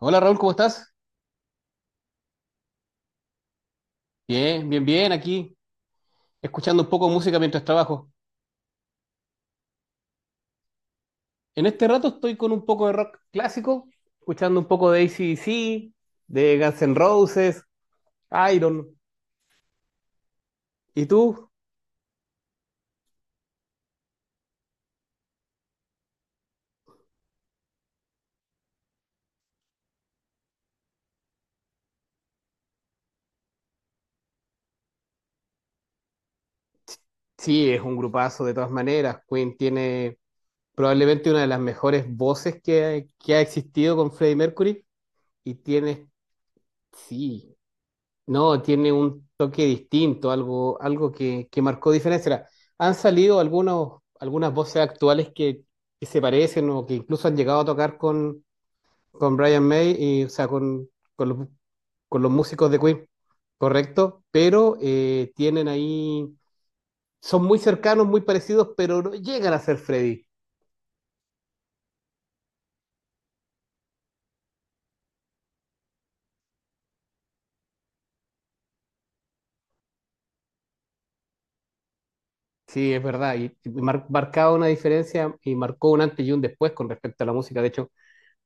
Hola Raúl, ¿cómo estás? Bien, bien, bien, aquí escuchando un poco de música mientras trabajo. En este rato estoy con un poco de rock clásico, escuchando un poco de AC/DC, de Guns N' Roses, Iron. ¿Y tú? Sí, es un grupazo de todas maneras. Queen tiene probablemente una de las mejores voces que ha existido con Freddie Mercury y tiene, sí, no, tiene un toque distinto, algo, algo que marcó diferencia. Ahora, han salido algunos, algunas voces actuales que se parecen o que incluso han llegado a tocar con Brian May, y, o sea, con los, con los músicos de Queen, correcto, pero tienen ahí, son muy cercanos, muy parecidos, pero no llegan a ser Freddy. Sí, es verdad, y marcaba una diferencia y marcó un antes y un después con respecto a la música. De hecho,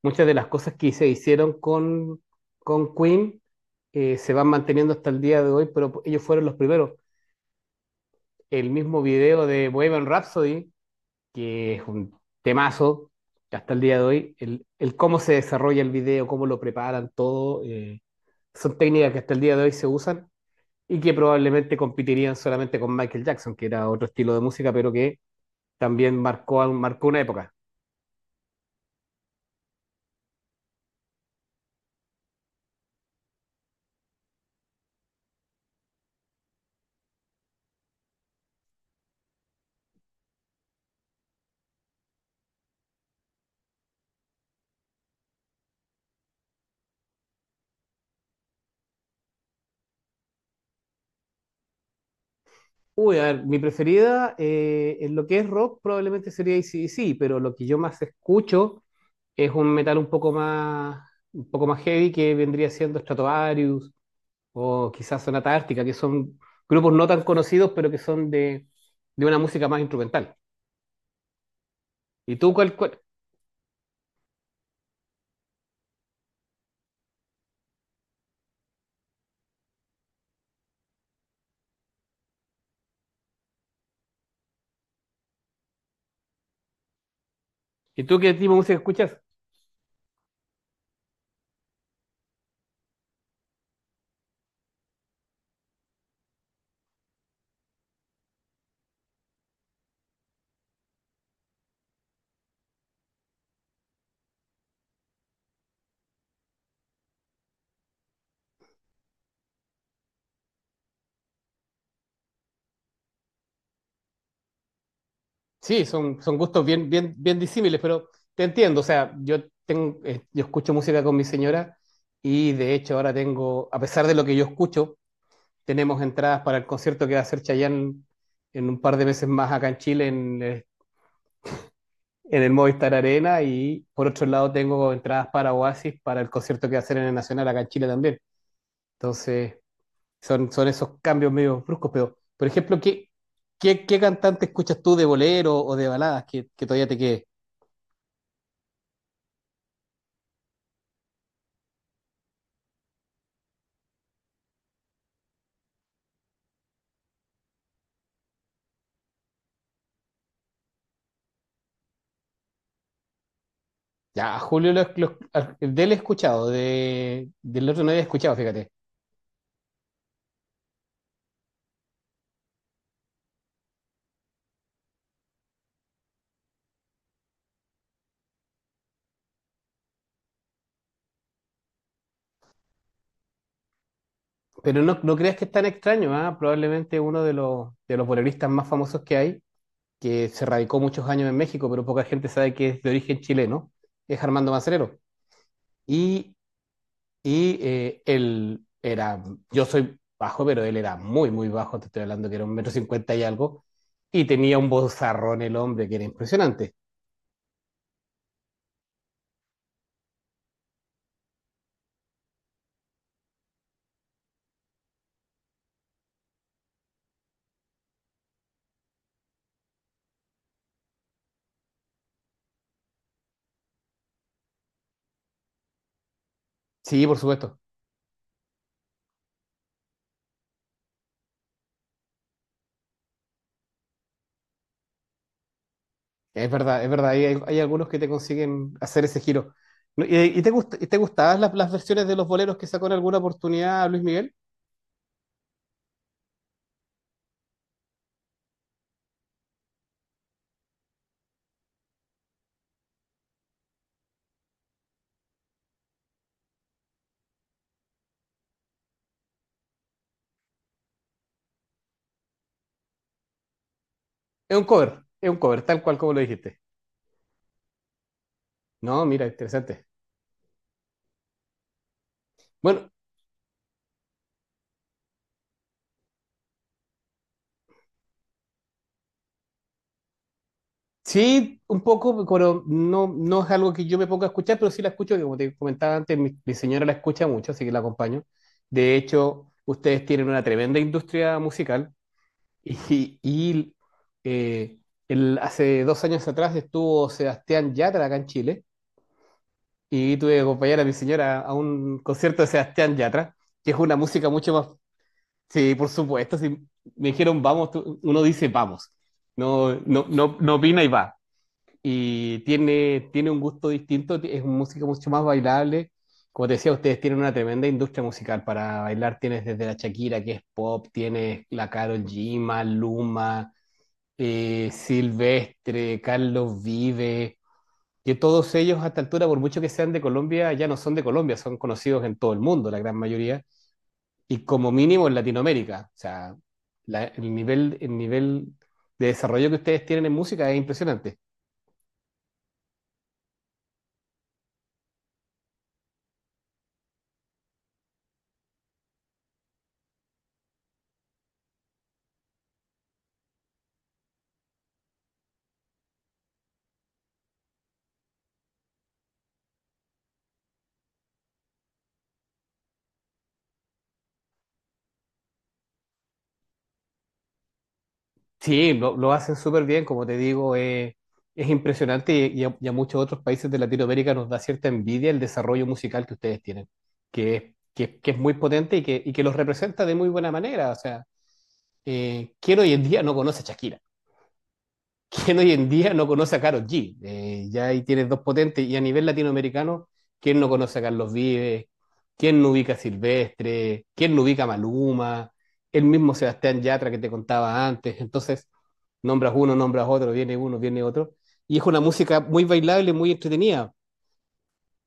muchas de las cosas que se hicieron con Queen se van manteniendo hasta el día de hoy, pero ellos fueron los primeros. El mismo video de Bohemian Rhapsody, que es un temazo hasta el día de hoy, el cómo se desarrolla el video, cómo lo preparan, todo, son técnicas que hasta el día de hoy se usan y que probablemente competirían solamente con Michael Jackson, que era otro estilo de música, pero que también marcó, marcó una época. Uy, a ver, mi preferida en lo que es rock probablemente sería AC pero lo que yo más escucho es un metal un poco más heavy que vendría siendo Stratovarius o quizás Sonata Ártica, que son grupos no tan conocidos, pero que son de una música más instrumental. ¿Y tú cuál, cuál- ¿Y tú qué tipo de música escuchas? Sí, son gustos bien, bien, bien disímiles, pero te entiendo. O sea, yo escucho música con mi señora y de hecho ahora tengo, a pesar de lo que yo escucho, tenemos entradas para el concierto que va a hacer Chayanne en un par de meses más acá en Chile en el Movistar Arena y por otro lado tengo entradas para Oasis para el concierto que va a hacer en el Nacional acá en Chile también. Entonces son esos cambios medio bruscos, pero por ejemplo, ¿qué cantante escuchas tú de bolero o de baladas que todavía te quede? Ya, Julio, de él he escuchado, del otro no había escuchado, fíjate. Pero no, no creas que es tan extraño, ¿ah? Probablemente uno de los boleristas más famosos que hay, que se radicó muchos años en México, pero poca gente sabe que es de origen chileno, es Armando Manzanero. Y, él era, yo soy bajo, pero él era muy, muy bajo, te estoy hablando que era un metro cincuenta y algo, y tenía un bozarrón el hombre que era impresionante. Sí, por supuesto, es verdad, hay algunos que te consiguen hacer ese giro. No, ¿Y te gustaban las versiones de los boleros que sacó en alguna oportunidad Luis Miguel? Es un cover, tal cual como lo dijiste. No, mira, interesante. Bueno, sí, un poco, pero no es algo que yo me ponga a escuchar, pero sí la escucho, que como te comentaba antes, mi señora la escucha mucho, así que la acompaño. De hecho, ustedes tienen una tremenda industria musical y, eh, hace 2 años atrás estuvo Sebastián Yatra acá en Chile y tuve que acompañar a mi señora a un concierto de Sebastián Yatra, que es una música mucho más... Sí, por supuesto, si me dijeron vamos, uno dice vamos, no opina y va y tiene un gusto distinto, es una música mucho más bailable. Como te decía, ustedes tienen una tremenda industria musical para bailar. Tienes desde la Shakira, que es pop, tienes la Karol G, Maluma, Silvestre, Carlos Vive, que todos ellos a esta altura, por mucho que sean de Colombia, ya no son de Colombia, son conocidos en todo el mundo, la gran mayoría, y como mínimo en Latinoamérica. O sea, el nivel de desarrollo que ustedes tienen en música es impresionante. Sí, lo hacen súper bien, como te digo, es impresionante y, y a muchos otros países de Latinoamérica nos da cierta envidia el desarrollo musical que ustedes tienen, que es, que es muy potente y que los representa de muy buena manera. O sea, ¿quién hoy en día no conoce a Shakira? ¿Quién hoy en día no conoce a Karol G? Ya ahí tienes dos potentes. Y a nivel latinoamericano, ¿quién no conoce a Carlos Vives? ¿Quién no ubica a Silvestre? ¿Quién no ubica a Maluma? El mismo Sebastián Yatra que te contaba antes. Entonces, nombras uno, nombras otro, viene uno, viene otro. Y es una música muy bailable, muy entretenida.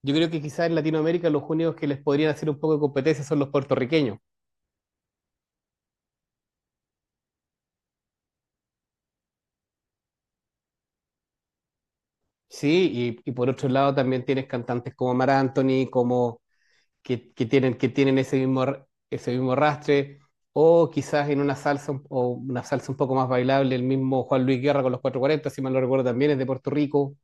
Yo creo que quizás en Latinoamérica los únicos que les podrían hacer un poco de competencia son los puertorriqueños. Sí, y por otro lado también tienes cantantes como Mar Anthony, como que tienen ese mismo, ese mismo rastre, o quizás en una salsa o una salsa un poco más bailable, el mismo Juan Luis Guerra con los cuatro cuarenta si mal no recuerdo también, es de Puerto Rico.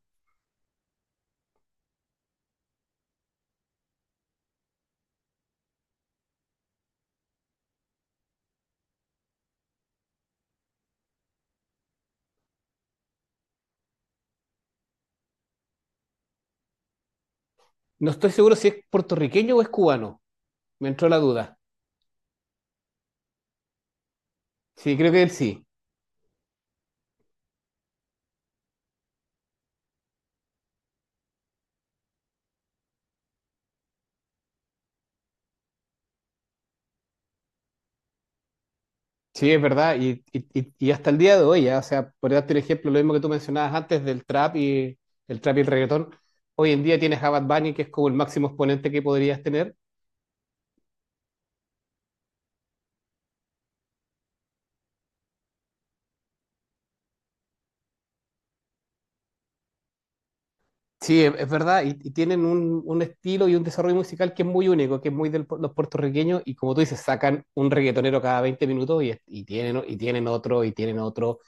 No estoy seguro si es puertorriqueño o es cubano, me entró la duda. Sí, creo que él sí. Sí, es verdad, y hasta el día de hoy, ya, o sea, por darte un ejemplo, lo mismo que tú mencionabas antes del trap y el reggaetón, hoy en día tienes a Bad Bunny, que es como el máximo exponente que podrías tener. Sí, es verdad, y tienen un estilo y un desarrollo musical que es muy único, que es muy de los puertorriqueños, y como tú dices, sacan un reggaetonero cada 20 minutos y, y tienen otro, y tienen otro,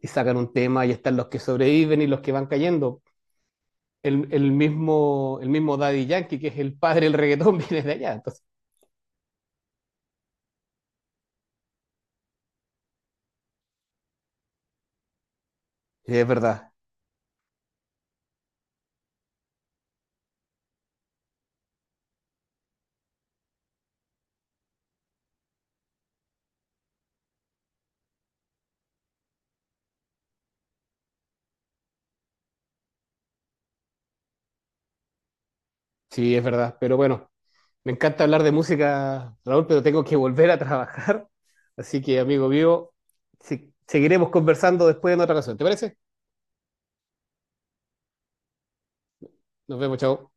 y sacan un tema, y están los que sobreviven y los que van cayendo. El mismo Daddy Yankee, que es el padre del reggaetón, viene de allá, entonces. Sí, es verdad, sí, es verdad, pero bueno, me encanta hablar de música, Raúl, pero tengo que volver a trabajar, así que amigo vivo seguiremos conversando después en otra ocasión, ¿te parece? Nos vemos, chao.